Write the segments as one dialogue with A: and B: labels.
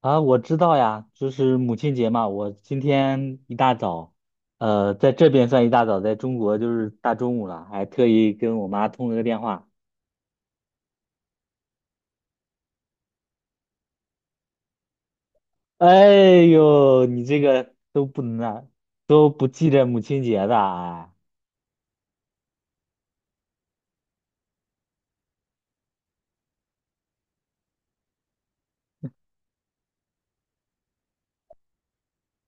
A: 啊，我知道呀，就是母亲节嘛。我今天一大早，在这边算一大早，在中国就是大中午了，还特意跟我妈通了个电话。哎呦，你这个都不能啊，都不记着母亲节的啊？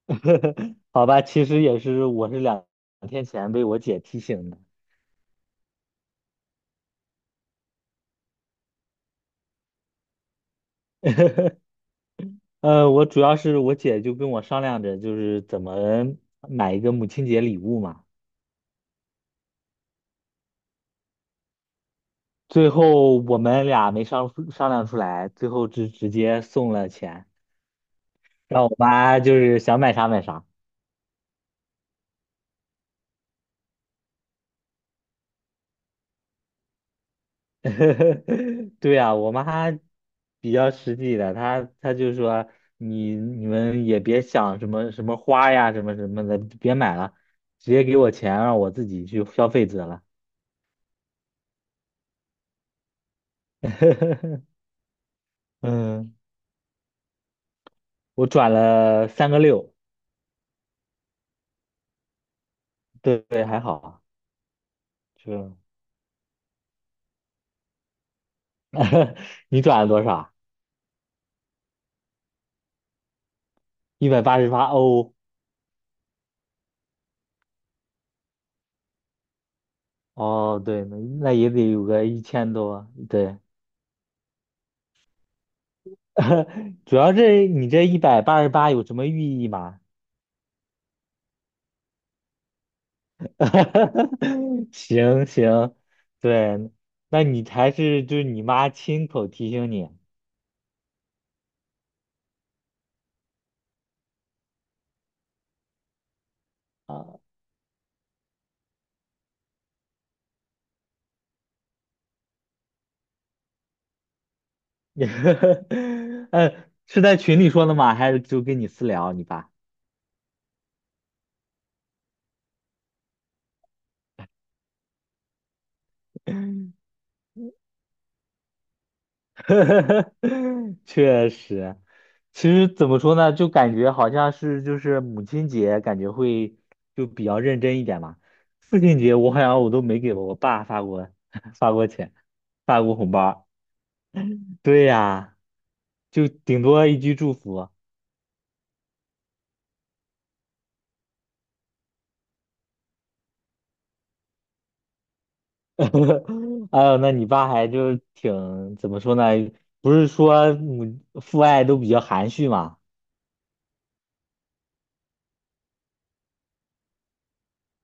A: 好吧，其实也是，我是两天前被我姐提醒的。我主要是我姐就跟我商量着，就是怎么买一个母亲节礼物嘛。最后我们俩没商量出来，最后直接送了钱，让我妈就是想买啥买啥。对啊，我妈比较实际的，她就说你们也别想什么什么花呀什么什么的，别买了，直接给我钱让我自己去消费得了。嗯，我转了三个六，对对，还好啊，就 你转了多少？一百八十八哦。哦，对，那那也得有个1000多，对，主要是你这188有什么寓意吗？行行，对，那你还是就是你妈亲口提醒你啊，呃，是在群里说的吗？还是就跟你私聊你爸？确实，其实怎么说呢，就感觉好像是就是母亲节，感觉会就比较认真一点嘛。父亲节我好像我都没给我爸发过 发过钱，发过红包对呀，就顶多一句祝福。哎呦，那你爸还就是挺怎么说呢？不是说母父爱都比较含蓄嘛？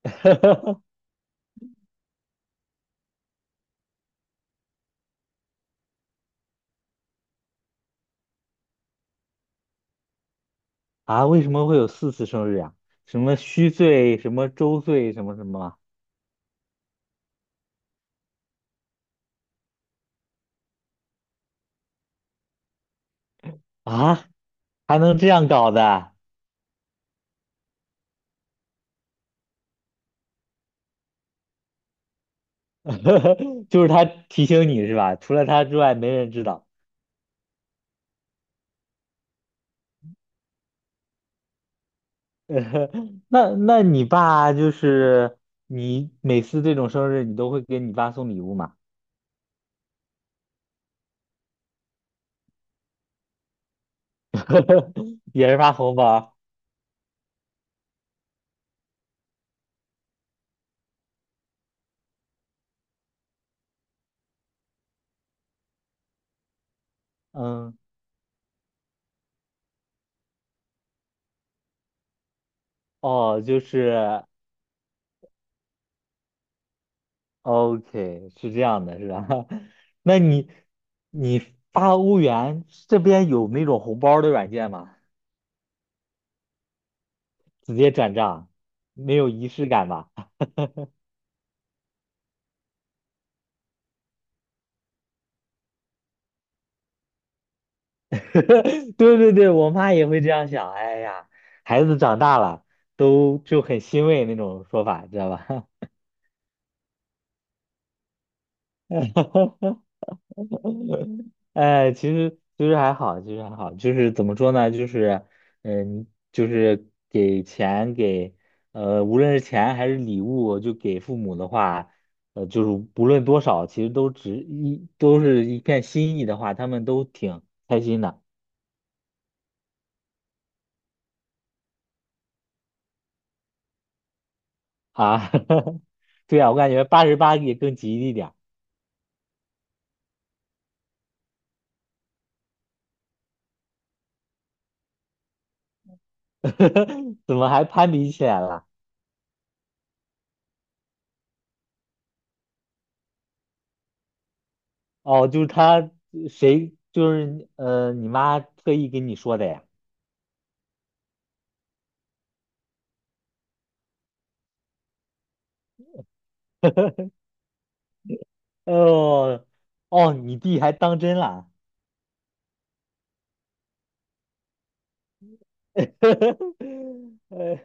A: 啊，为什么会有4次生日呀？什么虚岁，什么周岁，什么什么？啊，还能这样搞的？就是他提醒你是吧？除了他之外，没人知道。那那你爸就是你每次这种生日，你都会给你爸送礼物吗？也是发红包？嗯，哦，就是 OK，是这样的，是吧？那你你发欧元这边有那种红包的软件吗？直接转账，没有仪式感吧？对对对，我妈也会这样想。哎呀，孩子长大了，都就很欣慰那种说法，知道吧？哎，其实还好，其实还好，就是怎么说呢？就是嗯，就是给钱给呃，无论是钱还是礼物，就给父母的话，呃，就是不论多少，其实都是一片心意的话，他们都挺开心的啊。对啊，我感觉八十八也更吉利点儿。怎么还攀比起来了？哦，就是他谁你妈特意跟你说的呀？哦哦，你弟还当真了？呃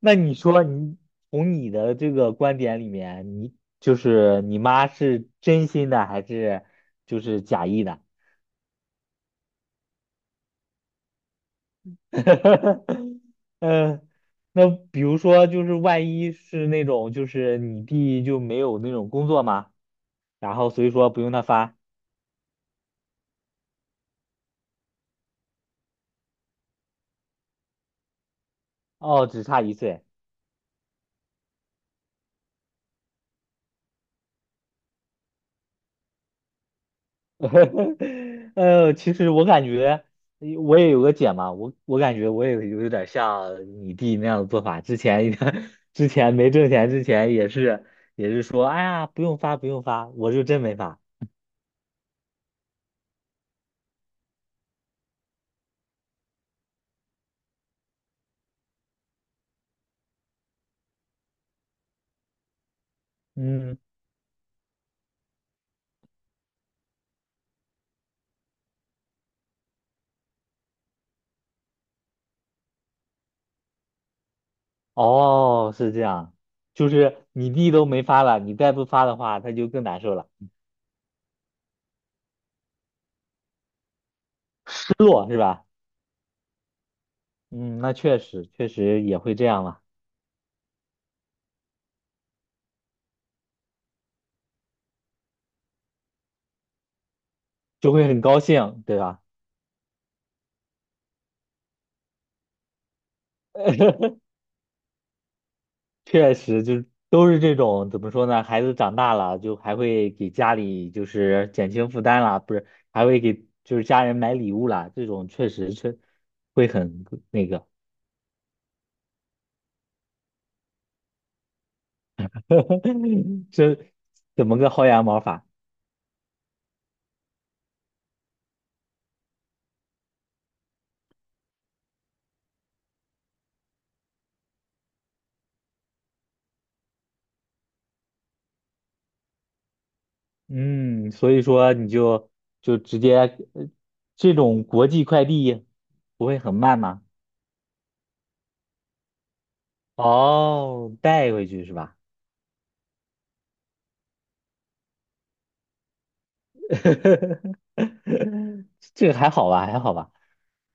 A: 那你说你从你的这个观点里面，你就是你妈是真心的还是就是假意的？嗯，那比如说就是万一是那种就是你弟就没有那种工作吗？然后所以说不用他发，哦，只差1岁。呃，其实我感觉我也有个姐嘛，我我感觉我也有点像你弟那样的做法。之前 之前没挣钱之前也是也是说，哎呀，不用发不用发，我就真没发。嗯，哦，是这样，就是你弟都没发了，你再不发的话，他就更难受了，失落是吧？嗯，那确实确实也会这样嘛，就会很高兴，对吧？确实，就是都是这种怎么说呢？孩子长大了，就还会给家里就是减轻负担啦，不是，还会给就是家人买礼物啦。这种确实会很那个，这怎么个薅羊毛法？嗯，所以说你就直接呃这种国际快递不会很慢吗？哦，带回去是吧？这个还好吧，还好吧。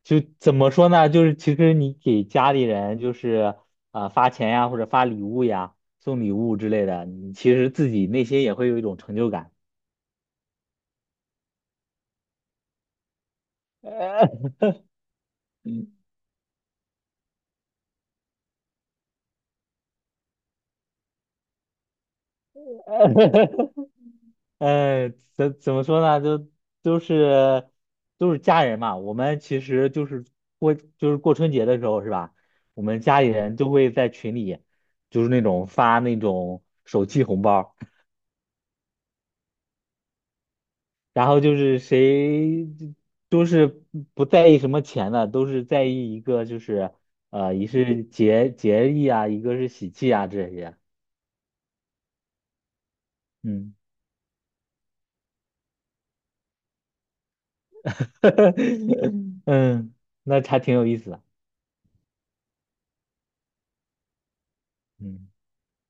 A: 就怎么说呢？就是其实你给家里人就是啊、发钱呀，或者发礼物呀、送礼物之类的，你其实自己内心也会有一种成就感。呃 怎么说呢？就都是都是家人嘛。我们其实就是过春节的时候是吧？我们家里人都会在群里就是那种发那种手气红包。然后就是谁都是不在意什么钱的，都是在意一个就是呃，一是节义啊，一个是喜气啊这些。嗯 嗯，那还挺有意思的。嗯。